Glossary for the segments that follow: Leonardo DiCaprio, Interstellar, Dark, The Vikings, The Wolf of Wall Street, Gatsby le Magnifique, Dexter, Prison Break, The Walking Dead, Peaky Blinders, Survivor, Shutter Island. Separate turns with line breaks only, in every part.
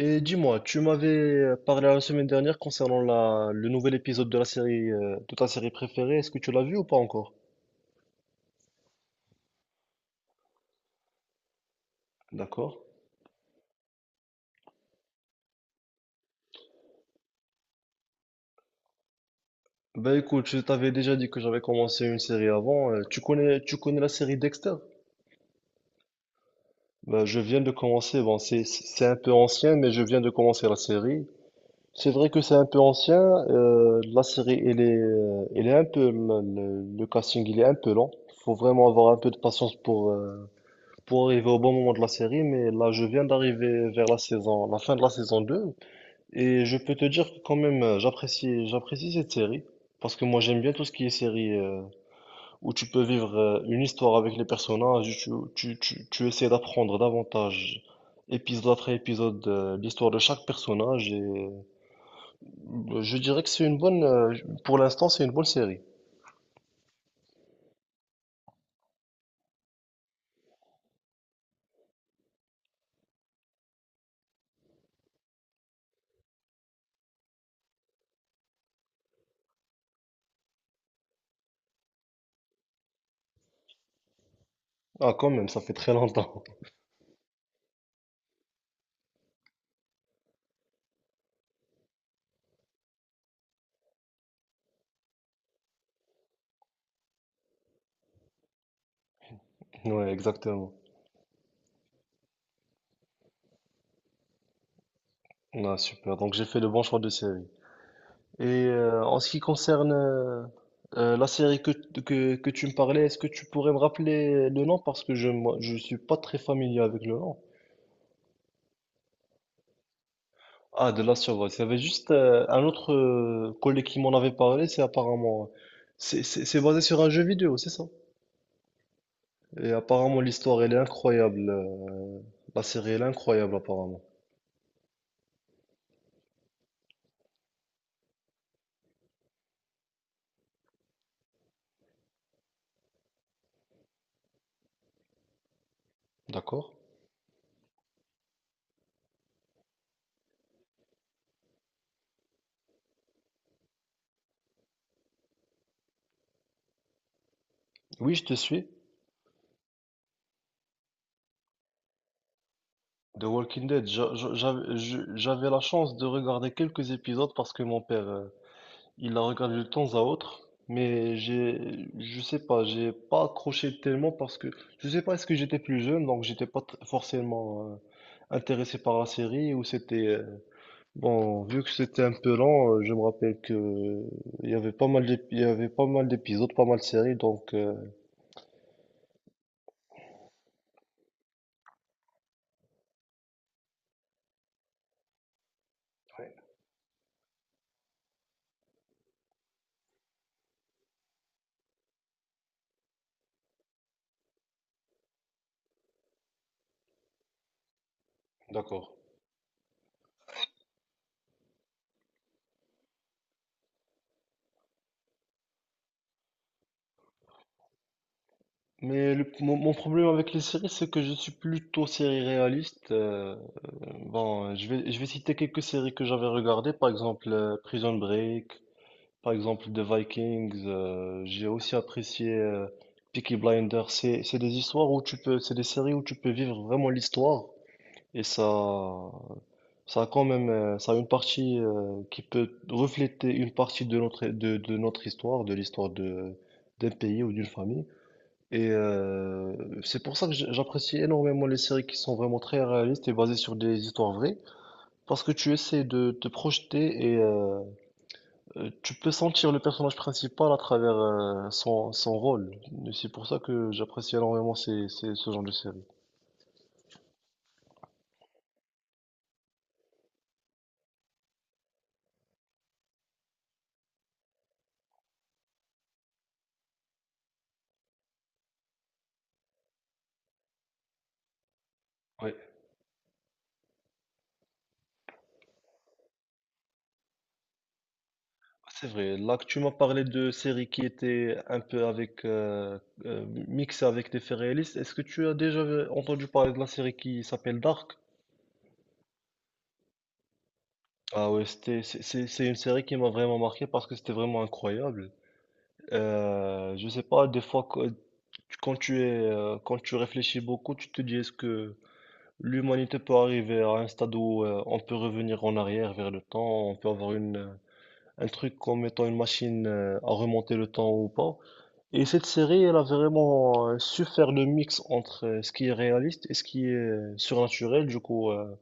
Et dis-moi, tu m'avais parlé la semaine dernière concernant le nouvel épisode de la série, de ta série préférée. Est-ce que tu l'as vu ou pas encore? D'accord. Bah écoute, je t'avais déjà dit que j'avais commencé une série avant. Tu connais la série Dexter? Bah je viens de commencer. Bon, c'est un peu ancien, mais je viens de commencer la série. C'est vrai que c'est un peu ancien. La série, elle est un peu, le casting, il est un peu lent. Faut vraiment avoir un peu de patience pour arriver au bon moment de la série, mais là, je viens d'arriver vers la saison, la fin de la saison 2 et je peux te dire que quand même, j'apprécie cette série, parce que moi, j'aime bien tout ce qui est série, où tu peux vivre une histoire avec les personnages, tu essaies d'apprendre davantage, épisode après épisode, l'histoire de chaque personnage, et je dirais que c'est une bonne, pour l'instant, c'est une bonne série. Ah, quand même, ça fait très longtemps. Ouais, exactement. Ah, super. Donc, j'ai fait le bon choix de série. Et en ce qui concerne la série que tu me parlais, est-ce que tu pourrais me rappeler le nom? Parce que je moi, je suis pas très familier avec le nom. Ah, de la Survivor. Il y avait juste un autre collègue qui m'en avait parlé, c'est apparemment... C'est basé sur un jeu vidéo, c'est ça? Et apparemment l'histoire, elle est incroyable. La série, elle est incroyable apparemment. D'accord? Oui, je te suis. The Walking Dead, j'avais la chance de regarder quelques épisodes parce que mon père... Il la regarde de temps à autre, mais j'ai, je sais pas, j'ai pas accroché tellement parce que je sais pas, est-ce que j'étais plus jeune, donc j'étais pas tr- forcément intéressé par la série ou c'était bon, vu que c'était un peu lent, je me rappelle que il y avait pas mal d'épisodes, pas mal de séries, donc d'accord. Mais mon problème avec les séries, c'est que je suis plutôt série réaliste. Bon, je vais citer quelques séries que j'avais regardées, par exemple Prison Break, par exemple, The Vikings, j'ai aussi apprécié Peaky Blinders. C'est des histoires où tu peux, c'est des séries où tu peux vivre vraiment l'histoire et ça a quand même, ça a une partie qui peut refléter une partie de notre, de notre histoire, de l'histoire de, d'un pays ou d'une famille. Et c'est pour ça que j'apprécie énormément les séries qui sont vraiment très réalistes et basées sur des histoires vraies, parce que tu essaies de te projeter et tu peux sentir le personnage principal à travers son, son rôle. Et c'est pour ça que j'apprécie énormément ce genre de série. Oui, c'est vrai. Là que tu m'as parlé de séries qui étaient un peu avec mixées avec des faits réalistes, est-ce que tu as déjà entendu parler de la série qui s'appelle Dark? Ah ouais, c'est une série qui m'a vraiment marqué parce que c'était vraiment incroyable. Je sais pas, des fois, quand tu es, quand tu réfléchis beaucoup, tu te dis est-ce que l'humanité peut arriver à un stade où on peut revenir en arrière vers le temps, on peut avoir une, un truc comme étant une machine à remonter le temps ou pas. Et cette série, elle a vraiment su faire le mix entre ce qui est réaliste et ce qui est surnaturel. Du coup,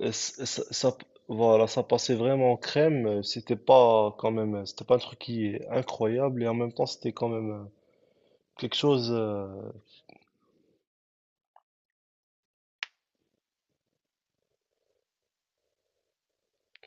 euh, c- ça, ça- voilà, ça passait vraiment en crème. C'était pas quand même, c'était pas un truc qui est incroyable et en même temps, c'était quand même quelque chose.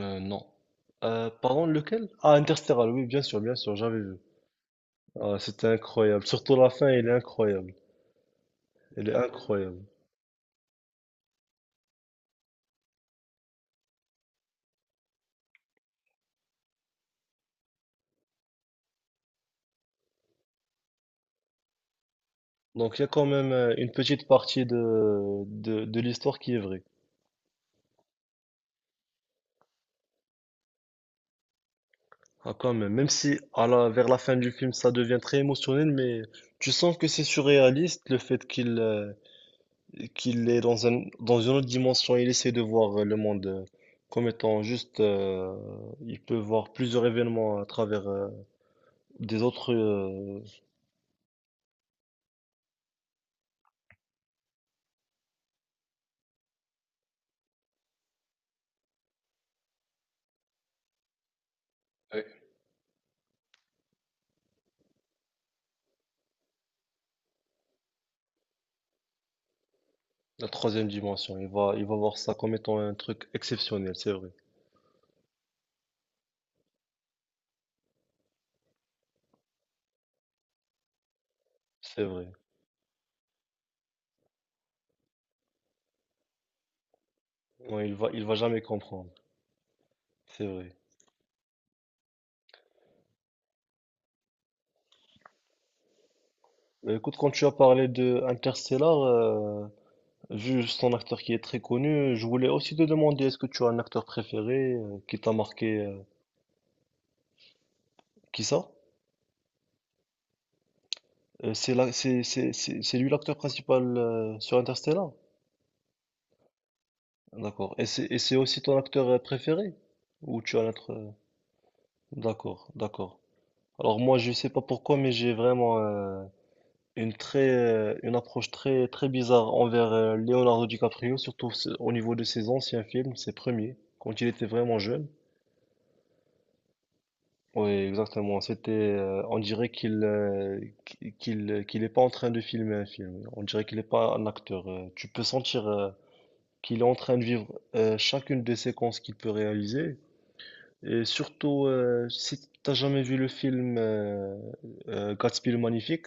Non. Pardon, lequel? Ah, Interstellar. Oui, bien sûr, j'avais vu. Ah, c'était incroyable. Surtout la fin, elle est incroyable. Elle est incroyable. Donc il y a quand même une petite partie de, de l'histoire qui est vraie. Ah, quand même. Même si à la, vers la fin du film, ça devient très émotionnel, mais tu sens que c'est surréaliste le fait qu'il est dans un, dans une autre dimension. Il essaie de voir le monde comme étant juste... il peut voir plusieurs événements à travers des autres... la troisième dimension. Il va voir ça comme étant un truc exceptionnel, c'est vrai. C'est vrai. Non, il va jamais comprendre. C'est vrai. Écoute, quand tu as parlé de Interstellar, vu son acteur qui est très connu, je voulais aussi te demander, est-ce que tu as un acteur préféré qui t'a marqué, qui ça? C'est lui l'acteur principal sur Interstellar? D'accord. Et c'est aussi ton acteur préféré? Ou tu as un autre... d'accord, d'accord. Alors moi, je sais pas pourquoi, mais j'ai vraiment... une approche très très bizarre envers Leonardo DiCaprio, surtout au niveau de ses anciens films, ses premiers, quand il était vraiment jeune. Oui, exactement. C'était, on dirait qu'il qu'il est pas en train de filmer un film. On dirait qu'il n'est pas un acteur. Tu peux sentir qu'il est en train de vivre chacune des séquences qu'il peut réaliser. Et surtout, si t'as jamais vu le film Gatsby le Magnifique,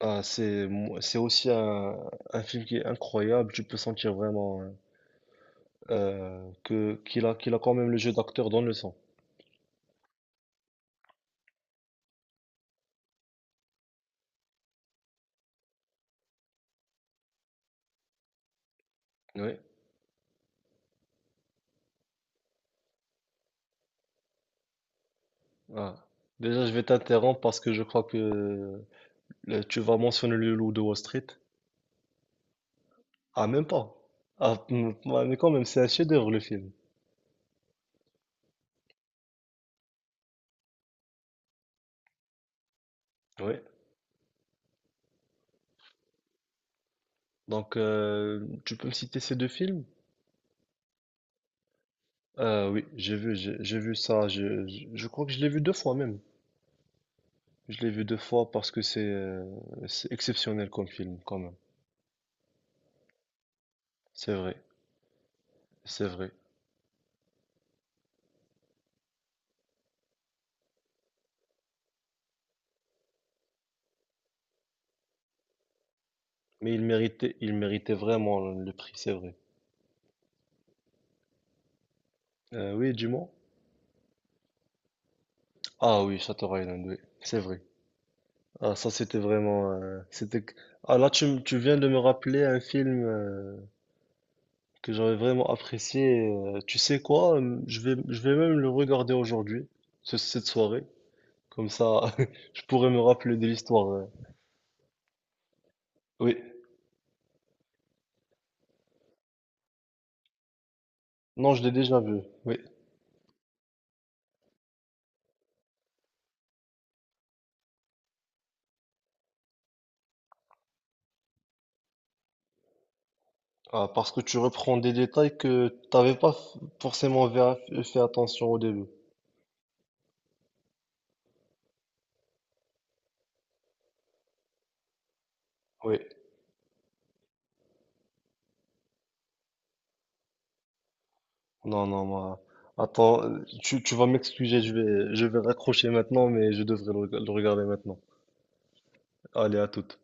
ah, c'est aussi un film qui est incroyable. Tu peux sentir vraiment hein, que qu'il a qu'il a quand même le jeu d'acteur dans le sang. Oui. Ah. Déjà, je vais t'interrompre parce que je crois que tu vas mentionner le loup de Wall Street. Ah, même pas. Ah, ouais, mais quand même, c'est un chef-d'œuvre le film. Oui. Donc, tu peux me citer ces deux films? Oui, j'ai vu, j'ai vu ça. Je crois que je l'ai vu deux fois même. Je l'ai vu deux fois parce que c'est exceptionnel comme film quand même. C'est vrai. C'est vrai. Mais il méritait vraiment le prix, c'est vrai. Oui, dis-moi. Ah oui, Shutter Island, oui, c'est vrai. Ah, ça, c'était vraiment. C'était... ah, là, tu viens de me rappeler un film que j'avais vraiment apprécié. Tu sais quoi? Je vais même le regarder aujourd'hui, cette soirée. Comme ça, je pourrais me rappeler de l'histoire. Oui. Non, je l'ai déjà vu. Oui. Ah, parce que tu reprends des détails que t'avais pas f- forcément fait attention au début. Oui. Non, non, moi. Attends, tu vas m'excuser, je vais raccrocher maintenant, mais je devrais le regarder maintenant. Allez, à toute.